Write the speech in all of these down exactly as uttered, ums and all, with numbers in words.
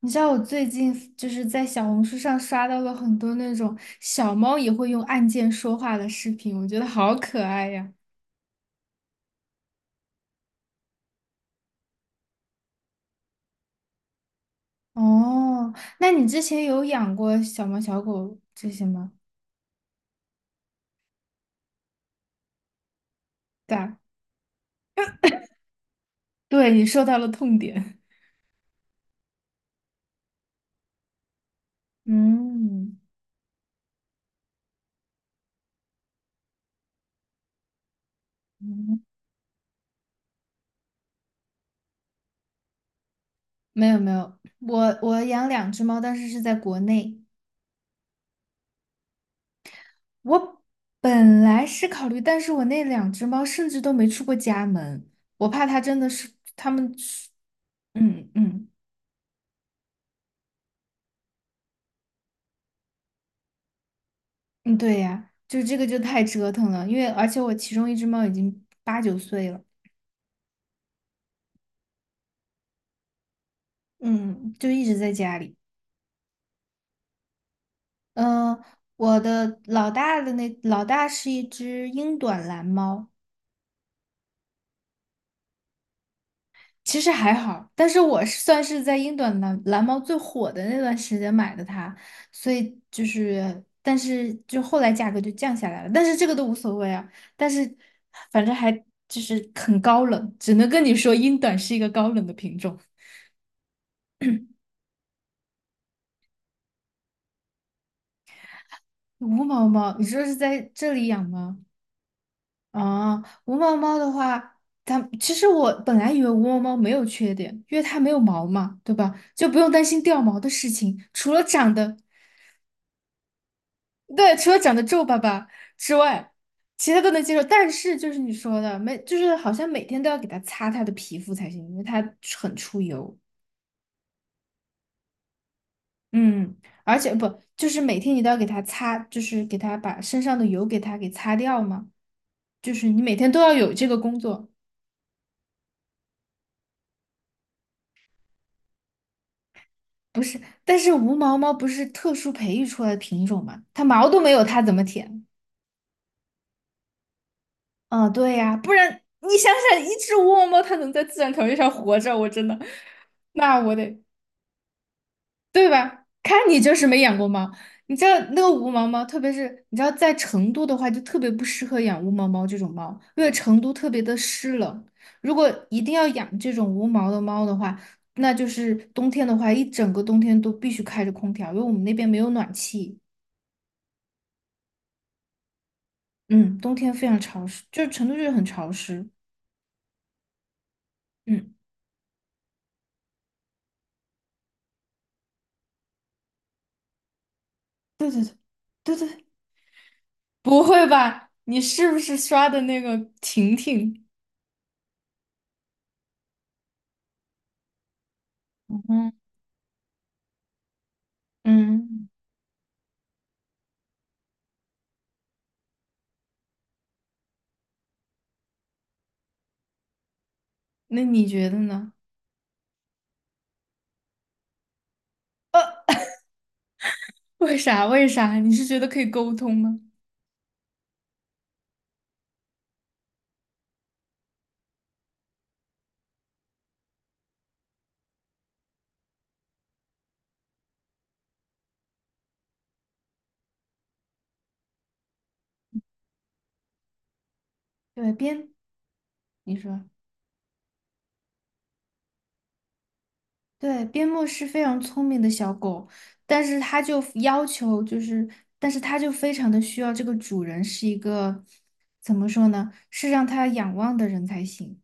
你知道我最近就是在小红书上刷到了很多那种小猫也会用按键说话的视频，我觉得好可爱呀。哦，那你之前有养过小猫、小狗这些吗？对啊。对，你说到了痛点。嗯嗯。没有没有，我我养两只猫，但是是在国内。我本来是考虑，但是我那两只猫甚至都没出过家门，我怕它真的是它们是，嗯嗯。嗯，对呀，就这个就太折腾了，因为而且我其中一只猫已经八九岁了。嗯，就一直在家里。嗯、我的老大的那老大是一只英短蓝猫。其实还好，但是我是算是在英短蓝蓝猫最火的那段时间买的它，所以就是，但是就后来价格就降下来了，但是这个都无所谓啊。但是反正还就是很高冷，只能跟你说英短是一个高冷的品种。无毛猫，你说是在这里养吗？啊，无毛猫的话，它其实我本来以为无毛猫没有缺点，因为它没有毛嘛，对吧？就不用担心掉毛的事情，除了长得，对，除了长得皱巴巴之外，其他都能接受。但是就是你说的，每就是好像每天都要给它擦它的皮肤才行，因为它很出油。嗯，而且不，就是每天你都要给它擦，就是给它把身上的油给它给擦掉嘛，就是你每天都要有这个工作。不是，但是无毛猫不是特殊培育出来的品种吗？它毛都没有，它怎么舔？嗯，对呀，不然你想想，一只无毛猫它能在自然条件下活着，我真的，那我得，对吧？看你就是没养过猫。你知道那个无毛猫，特别是你知道在成都的话，就特别不适合养无毛猫这种猫，因为成都特别的湿冷。如果一定要养这种无毛的猫的话，那就是冬天的话，一整个冬天都必须开着空调，因为我们那边没有暖气。嗯，冬天非常潮湿，就是成都就是很潮湿。嗯，对对对对对对，不会吧？你是不是刷的那个婷婷？嗯嗯，那你觉得呢？呃 为啥？为啥？你是觉得可以沟通吗？对，边，你说，对，边牧是非常聪明的小狗，但是它就要求就是，但是它就非常的需要这个主人是一个，怎么说呢？是让它仰望的人才行。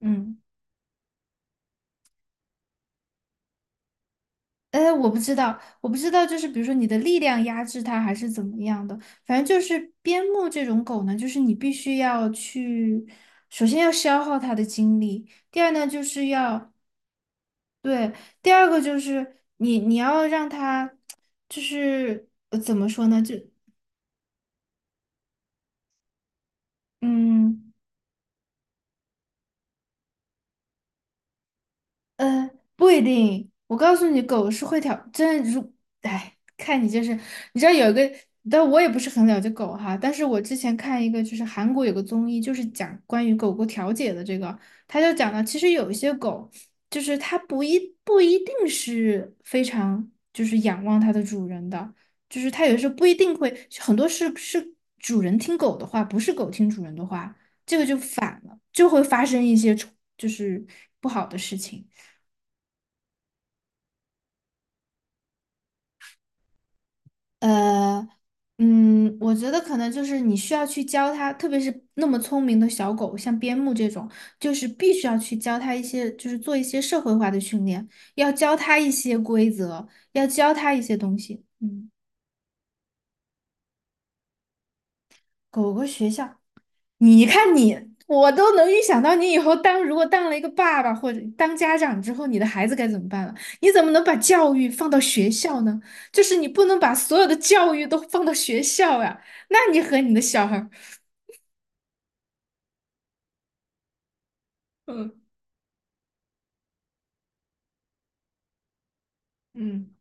嗯。呃，我不知道，我不知道，就是比如说你的力量压制它，还是怎么样的。反正就是边牧这种狗呢，就是你必须要去，首先要消耗它的精力，第二呢就是要，对，第二个就是你你要让它，就是呃怎么说呢，就嗯。呃，不一定。我告诉你，狗是会调真的如，哎，看你就是，你知道有一个，但我也不是很了解狗哈。但是我之前看一个，就是韩国有个综艺，就是讲关于狗狗调解的这个，他就讲到，其实有一些狗，就是它不一不一定是非常就是仰望它的主人的，就是它有时候不一定会，很多是是主人听狗的话，不是狗听主人的话，这个就反了，就会发生一些冲就是不好的事情。呃，嗯，我觉得可能就是你需要去教它，特别是那么聪明的小狗，像边牧这种，就是必须要去教它一些，就是做一些社会化的训练，要教它一些规则，要教它一些东西。嗯，狗狗学校，你看你，我都能预想到你以后当如果当了一个爸爸或者当家长之后，你的孩子该怎么办了？你怎么能把教育放到学校呢？就是你不能把所有的教育都放到学校呀、那你和你的小孩。嗯嗯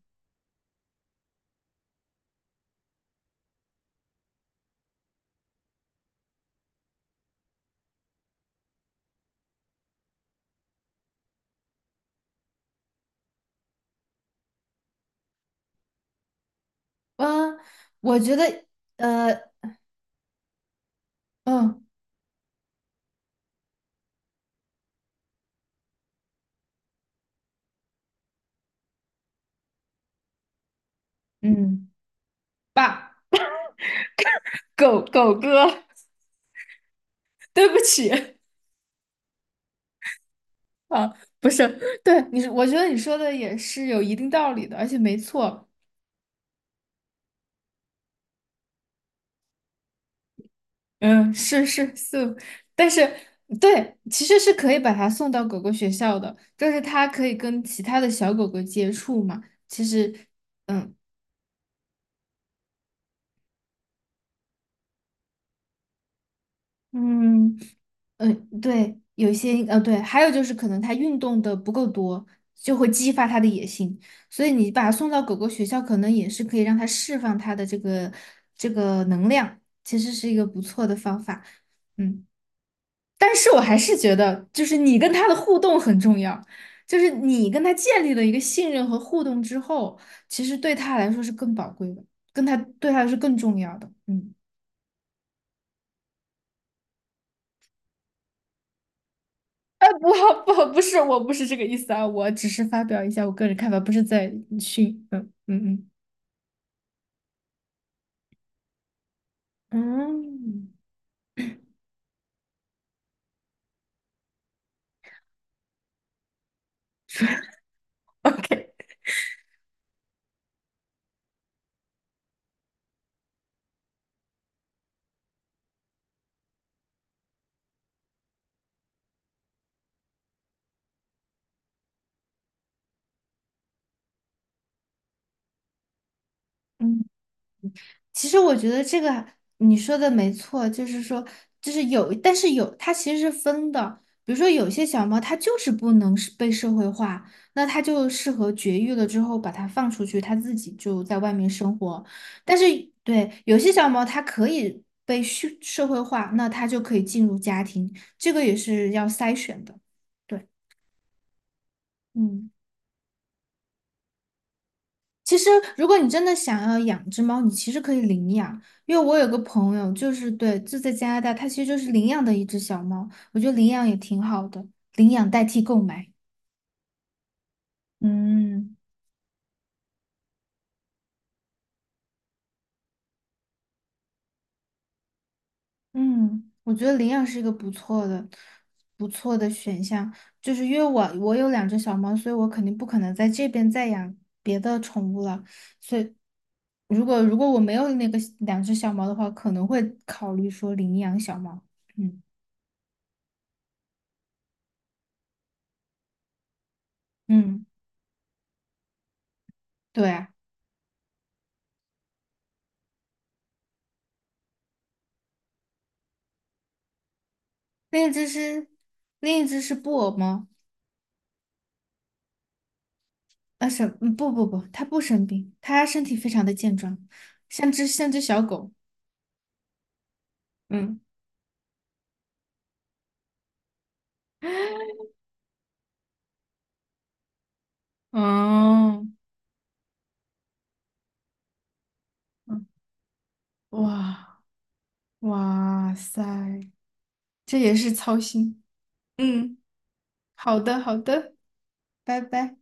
嗯，我觉得呃嗯嗯，爸，狗狗哥，对不起，啊，不是，对你，我觉得你说的也是有一定道理的，而且没错。嗯是是是，但是对，其实是可以把它送到狗狗学校的，就是它可以跟其他的小狗狗接触嘛。其实，嗯嗯。嗯，呃对，有一些，呃，对，还有就是可能他运动的不够多，就会激发他的野性，所以你把他送到狗狗学校，可能也是可以让他释放他的这个这个能量，其实是一个不错的方法。嗯，但是我还是觉得，就是你跟他的互动很重要，就是你跟他建立了一个信任和互动之后，其实对他来说是更宝贵的，跟他对他是更重要的，嗯。不不不是，我不是这个意思啊，我只是发表一下我个人看法，不是在训。嗯嗯嗯嗯，OK，嗯。其实我觉得这个你说的没错，就是说，就是有，但是有，它其实是分的。比如说，有些小猫它就是不能是被社会化，那它就适合绝育了之后把它放出去，它自己就在外面生活。但是，对，有些小猫它可以被社社会化，那它就可以进入家庭，这个也是要筛选的。对，嗯。其实，如果你真的想要养只猫，你其实可以领养。因为我有个朋友，就是对，就在加拿大，他其实就是领养的一只小猫。我觉得领养也挺好的，领养代替购买。嗯嗯，我觉得领养是一个不错的、不错的选项。就是因为我我有两只小猫，所以我肯定不可能在这边再养别的宠物了。所以，如果如果我没有那个两只小猫的话，可能会考虑说领养小猫。嗯嗯，对啊。另一只是另一只是布偶猫。啊生嗯不不不，它不生病，它身体非常的健壮，像只像只小狗。嗯哦，嗯哇哇塞，这也是操心。嗯，好的好的，拜拜。